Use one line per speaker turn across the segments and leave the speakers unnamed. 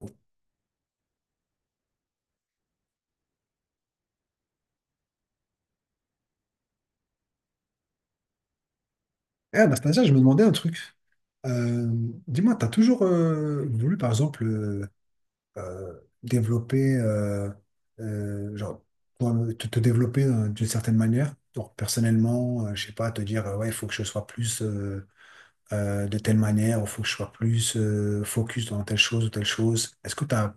Eh, Anastasia, je me demandais un truc. Euh, Dis-moi, tu as toujours voulu, par exemple, développer, genre, toi, te développer d'une certaine manière, genre, personnellement, je sais pas, te dire, ouais, il faut que je sois plus de telle manière, il faut que je sois plus focus dans telle chose ou telle chose. Est-ce que tu as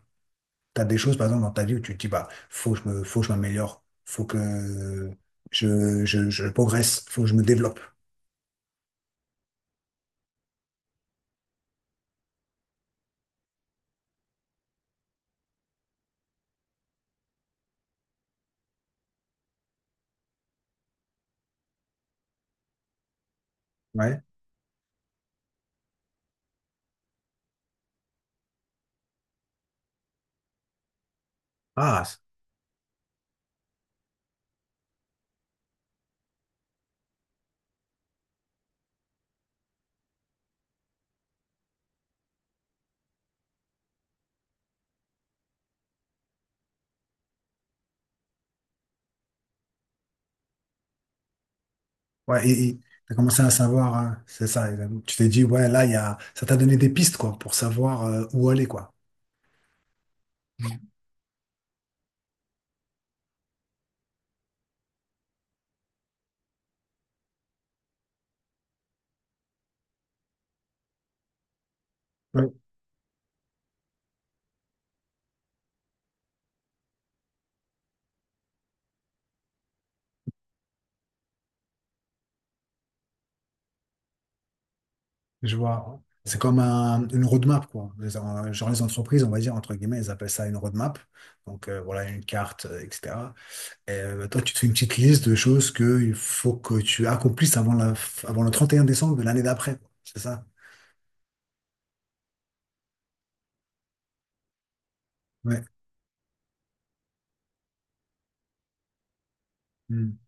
des choses, par exemple, dans ta vie où tu te dis, bah, faut que je m'améliore, faut que je progresse, faut que je me développe. Ouais. Ah. Ouais, et tu as commencé à savoir, hein, c'est ça. Et tu t'es dit, ouais, là, il y a, ça t'a donné des pistes, quoi, pour savoir où aller, quoi. Oui. Je vois. C'est comme une roadmap, quoi. Genre les entreprises, on va dire, entre guillemets, elles appellent ça une roadmap. Donc, voilà, une carte, etc. Et toi, tu te fais une petite liste de choses qu'il faut que tu accomplisses avant, avant le 31 décembre de l'année d'après, quoi. C'est ça? Ouais. Mm.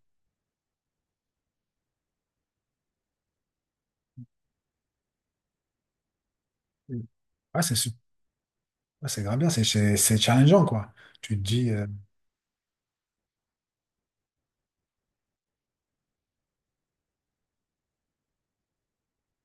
Mm. Ah, c'est su- ah, c'est grave bien, c'est c'est challengeant, quoi. Tu te dis.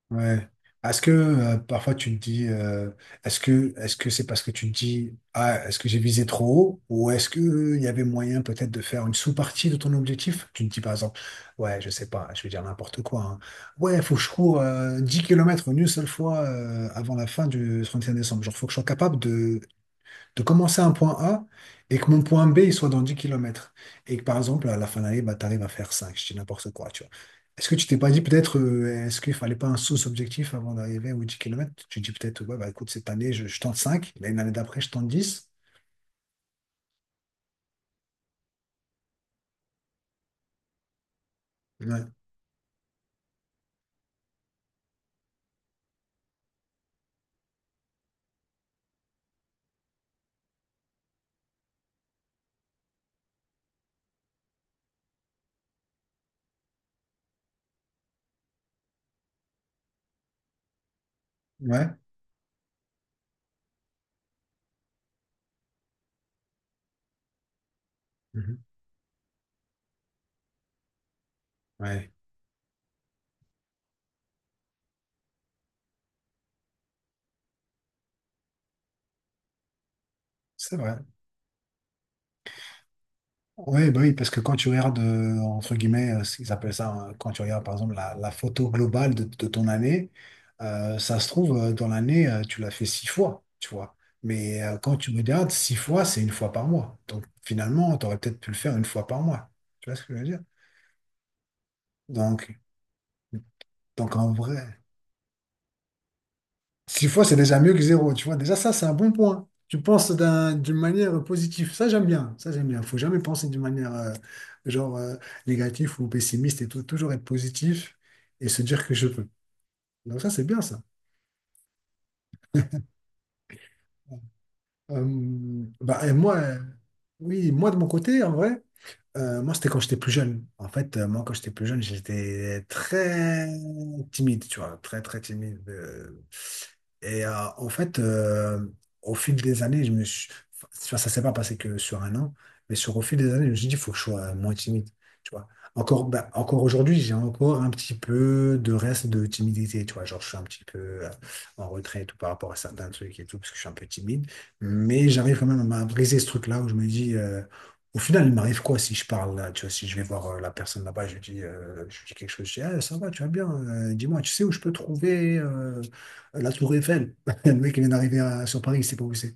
Ouais. Est-ce que parfois tu te dis, est-ce que c'est parce que tu te dis, ah, est-ce que j'ai visé trop haut, ou est-ce que il y avait moyen peut-être de faire une sous-partie de ton objectif? Tu te dis par exemple, ouais, je sais pas, je vais dire n'importe quoi, hein. Ouais, il faut que je cours 10 km une seule fois avant la fin du 31 décembre. Genre, faut que je sois capable de commencer à un point A et que mon point B il soit dans 10 km. Et que par exemple, à la fin de l'année, bah, tu arrives à faire cinq, je dis n'importe quoi, tu vois. Est-ce que tu t'es pas dit peut-être, est-ce qu'il fallait pas un sous-objectif avant d'arriver aux 10 km? Tu te dis peut-être, ouais, bah, écoute, cette année, je tente 5, l'année d'après, je tente dix. Ouais, ouais. Mhm. Ouais. C'est vrai. Oui, bah oui, parce que quand tu regardes, entre guillemets, ce qu'ils appellent ça, hein, quand tu regardes par exemple la photo globale de ton année, ça se trouve, dans l'année, tu l'as fait six fois, tu vois. Mais quand tu regardes, six fois, c'est une fois par mois. Donc finalement, tu aurais peut-être pu le faire une fois par mois. Tu vois ce que je veux dire? Donc, en vrai. Six fois, c'est déjà mieux que zéro, tu vois. Déjà, ça, c'est un bon point. Tu penses d'une manière positive. Ça, j'aime bien. Ça, j'aime bien. Faut jamais penser d'une manière genre euh, négative ou pessimiste et tout. Toujours être positif et se dire que je peux. Donc ça, c'est bien ça. Bah, et moi, oui, moi de mon côté, en vrai. Moi, c'était quand j'étais plus jeune. En fait, moi, quand j'étais plus jeune, j'étais très timide, tu vois, très, très timide. Et en fait, au fil des années, je me suis… enfin, ça s'est pas passé que sur un an, mais sur au fil des années, je me suis dit, il faut que je sois moins timide, tu vois. Encore, bah, encore aujourd'hui, j'ai encore un petit peu de reste de timidité, tu vois. Genre, je suis un petit peu euh, en retrait et tout par rapport à certains trucs et tout, parce que je suis un peu timide. Mais j'arrive quand même à briser ce truc-là où je me dis… au final, il m'arrive quoi si je parle, là, tu vois, si je vais voir la personne là-bas, je lui dis, quelque chose, je dis, ah, ça va, tu vas bien, dis-moi, tu sais où je peux trouver la Tour Eiffel? Le mec, il vient d'arriver sur Paris, il sait pas où c'est.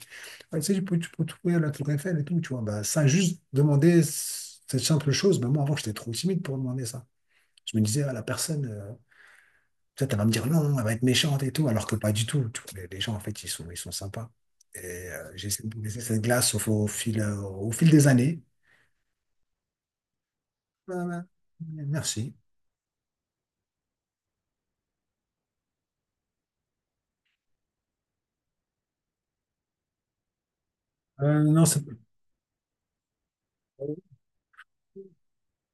Ah, tu sais, tu peux trouver la Tour Eiffel et tout, tu vois. Bah, ça, juste demander cette simple chose, bah, moi, avant, j'étais trop timide pour demander ça. Je me disais, ah, la personne, peut-être elle va me dire non, elle va être méchante et tout, alors que pas du tout. Tu vois, les gens, en fait, ils sont sympas. Et j'ai laissé cette glace au fil des années. Euh, Merci. Euh, non, c'est-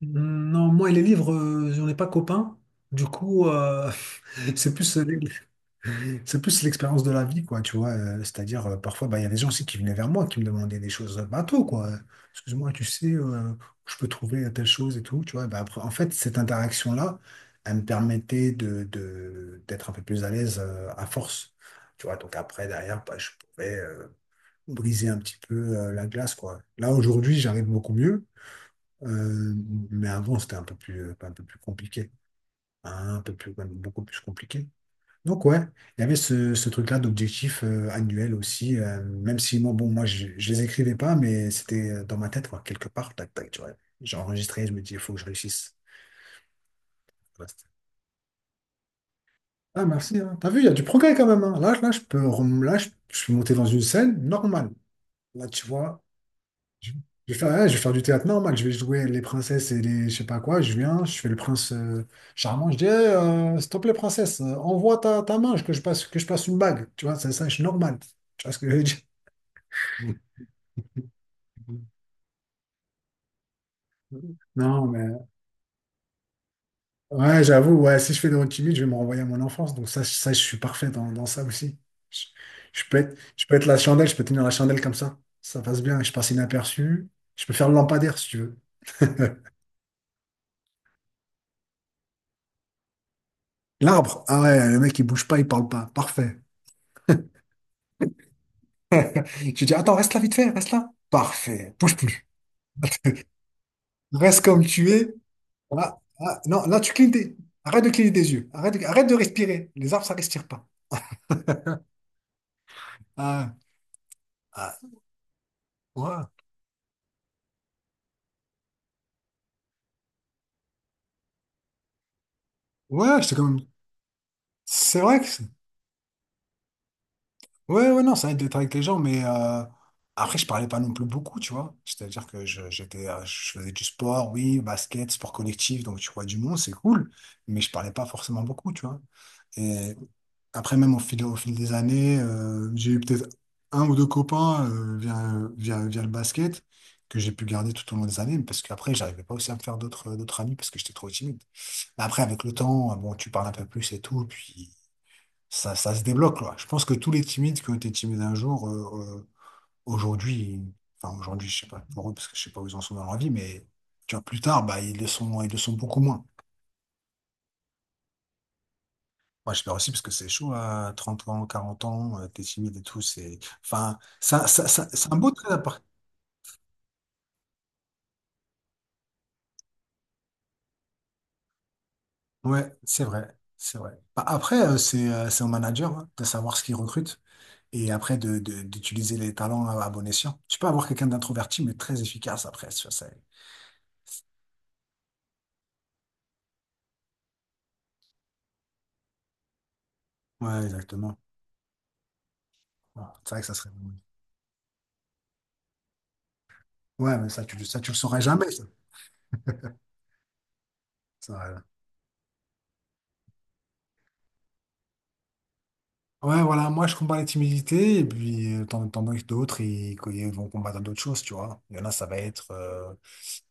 non, moi et les livres, j'en ai pas copain. Du coup, c'est plus, euh, c'est plus l'expérience de la vie, quoi, tu vois. C'est-à-dire, parfois, bah, il y a des gens aussi qui venaient vers moi, qui me demandaient des choses bateau, quoi. Excuse-moi, tu sais, je peux trouver telle chose et tout, tu vois. Bah, après, en fait, cette interaction-là, elle me permettait d'être un peu plus à l'aise, à force. Tu vois, donc après, derrière, bah, je pouvais briser un petit peu la glace, quoi. Là, aujourd'hui, j'arrive beaucoup mieux, euh, mais avant, c'était un peu plus compliqué, hein, un peu plus, même beaucoup plus compliqué. Donc, ouais, il y avait ce, ce truc-là d'objectif annuel aussi, même si, moi, bon, moi, je les écrivais pas, mais c'était dans ma tête, quoi, quelque part, tac, tac, tu vois. J'ai enregistré, je me dis, il faut que je réussisse. Voilà, ah, merci, hein. T'as vu, il y a du progrès quand même, hein. Là, là, là, je suis monté dans une scène normale. Là, tu vois, Je je vais faire, ouais, je vais faire du théâtre normal, je vais jouer les princesses et les je sais pas quoi, je viens, je fais le prince charmant, je dis Eh, s'il te plaît princesse, envoie ta main que je passe une bague, tu vois, ça je suis normal. Tu vois ce que je veux dire? Non, mais ouais, j'avoue, ouais, si je fais de votre timide, je vais me renvoyer à mon enfance. Donc ça, ça je suis parfait dans, dans ça aussi. Je, je peux être la chandelle, je peux tenir la chandelle comme ça. Ça passe bien, je passe inaperçu. Je peux faire le lampadaire si tu veux. L'arbre, ah ouais, le mec il bouge pas, il parle pas. Parfait. Je dis, attends, reste là vite fait, reste là. Parfait, bouge plus. Reste comme tu es. Voilà. Ah, non, là, tu clignes des… Arrête de cligner des yeux. Arrête de respirer. Les arbres, ça respire pas. Ah. Ah, ouais. Ouais, c'est quand même… C'est vrai que… Ouais, ouais, non, ça aide d'être avec les gens, mais après, je parlais pas non plus beaucoup, tu vois. C'est-à-dire que je faisais du sport, oui, basket, sport collectif, donc tu vois du monde, c'est cool, mais je parlais pas forcément beaucoup, tu vois. Et après, même au fil des années, j'ai eu peut-être un ou deux copains via le basket que j'ai pu garder tout au long des années, parce qu'après, j'arrivais pas aussi à me faire d'autres amis parce que j'étais trop timide. Mais après, avec le temps, bon, tu parles un peu plus et tout, puis ça se débloque, quoi. Je pense que tous les timides qui ont été timides un jour, aujourd'hui, enfin aujourd'hui, je sais pas pour eux, parce que je sais pas où ils en sont dans leur vie, mais tu vois, plus tard, bah, ils le sont beaucoup moins. Moi, j'espère aussi, parce que c'est chaud à 30 ans, 40 ans, t'es timide et tout, c'est, enfin, c'est un beau trait d'appart. Ouais, c'est vrai, c'est vrai. Bah, après, c'est au manager, hein, de savoir ce qu'il recrute. Et après, d'utiliser les talents à bon escient. Tu peux avoir quelqu'un d'introverti, mais très efficace après. Ouais, exactement. Ah, c'est vrai que ça serait bon. Ouais, mais ça, ça, tu le saurais jamais, ça. Ça, euh, Ouais, voilà, moi, je combats les timidités, et puis, t'en as d'autres, ils vont combattre d'autres choses, tu vois. Il y en a, ça va être,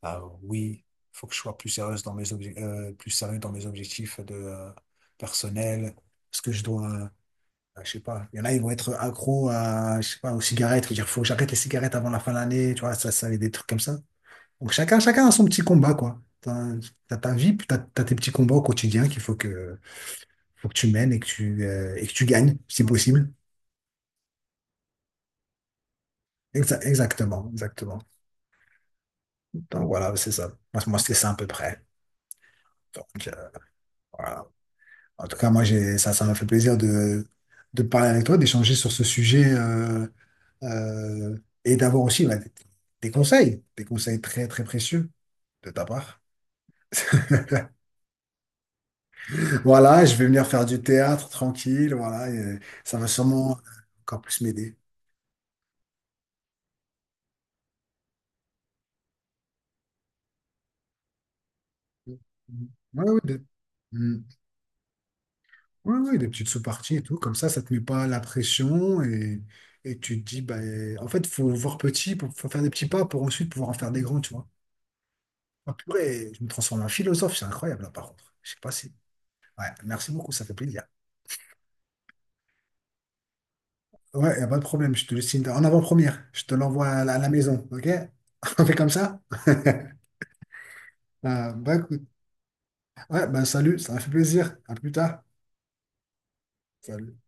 ah, oui, faut que je sois plus sérieuse dans mes obje- plus sérieux dans mes objectifs personnels, parce que je sais pas, il y en a, ils vont être accros à, je sais pas, aux cigarettes, faut dire, faut que j'arrête les cigarettes avant la fin de l'année, tu vois, ça, des trucs comme ça. Donc chacun, chacun a son petit combat, quoi. T'as ta vie, puis t'as tes petits combats au quotidien faut que tu mènes et que tu gagnes, si possible. Exactement, exactement. Donc voilà, c'est ça. Moi, c'est ça à peu près. Donc voilà. En tout cas, moi, j'ai, ça m'a fait plaisir de parler avec toi, d'échanger sur ce sujet euh, et d'avoir aussi bah, des conseils très, très précieux de ta part. Voilà, je vais venir faire du théâtre tranquille, voilà, et ça va sûrement encore plus m'aider. Oui, oui, des Mm. Ouais, ouais, des petites sous-parties et tout, comme ça te met pas la pression, et tu te dis, bah, en fait, faut voir petit, faut faire des petits pas pour ensuite pouvoir en faire des grands, tu vois. Ah, purée, je me transforme en philosophe, c'est incroyable là, par contre. Je sais pas si. Ouais, merci beaucoup, ça fait plaisir. Ouais, y a pas de problème, je te le signe en avant-première, je te l'envoie à la maison, ok? On fait comme ça? Ah, bah, écoute. Ouais, ben salut, ça m'a fait plaisir. À plus tard. Salut.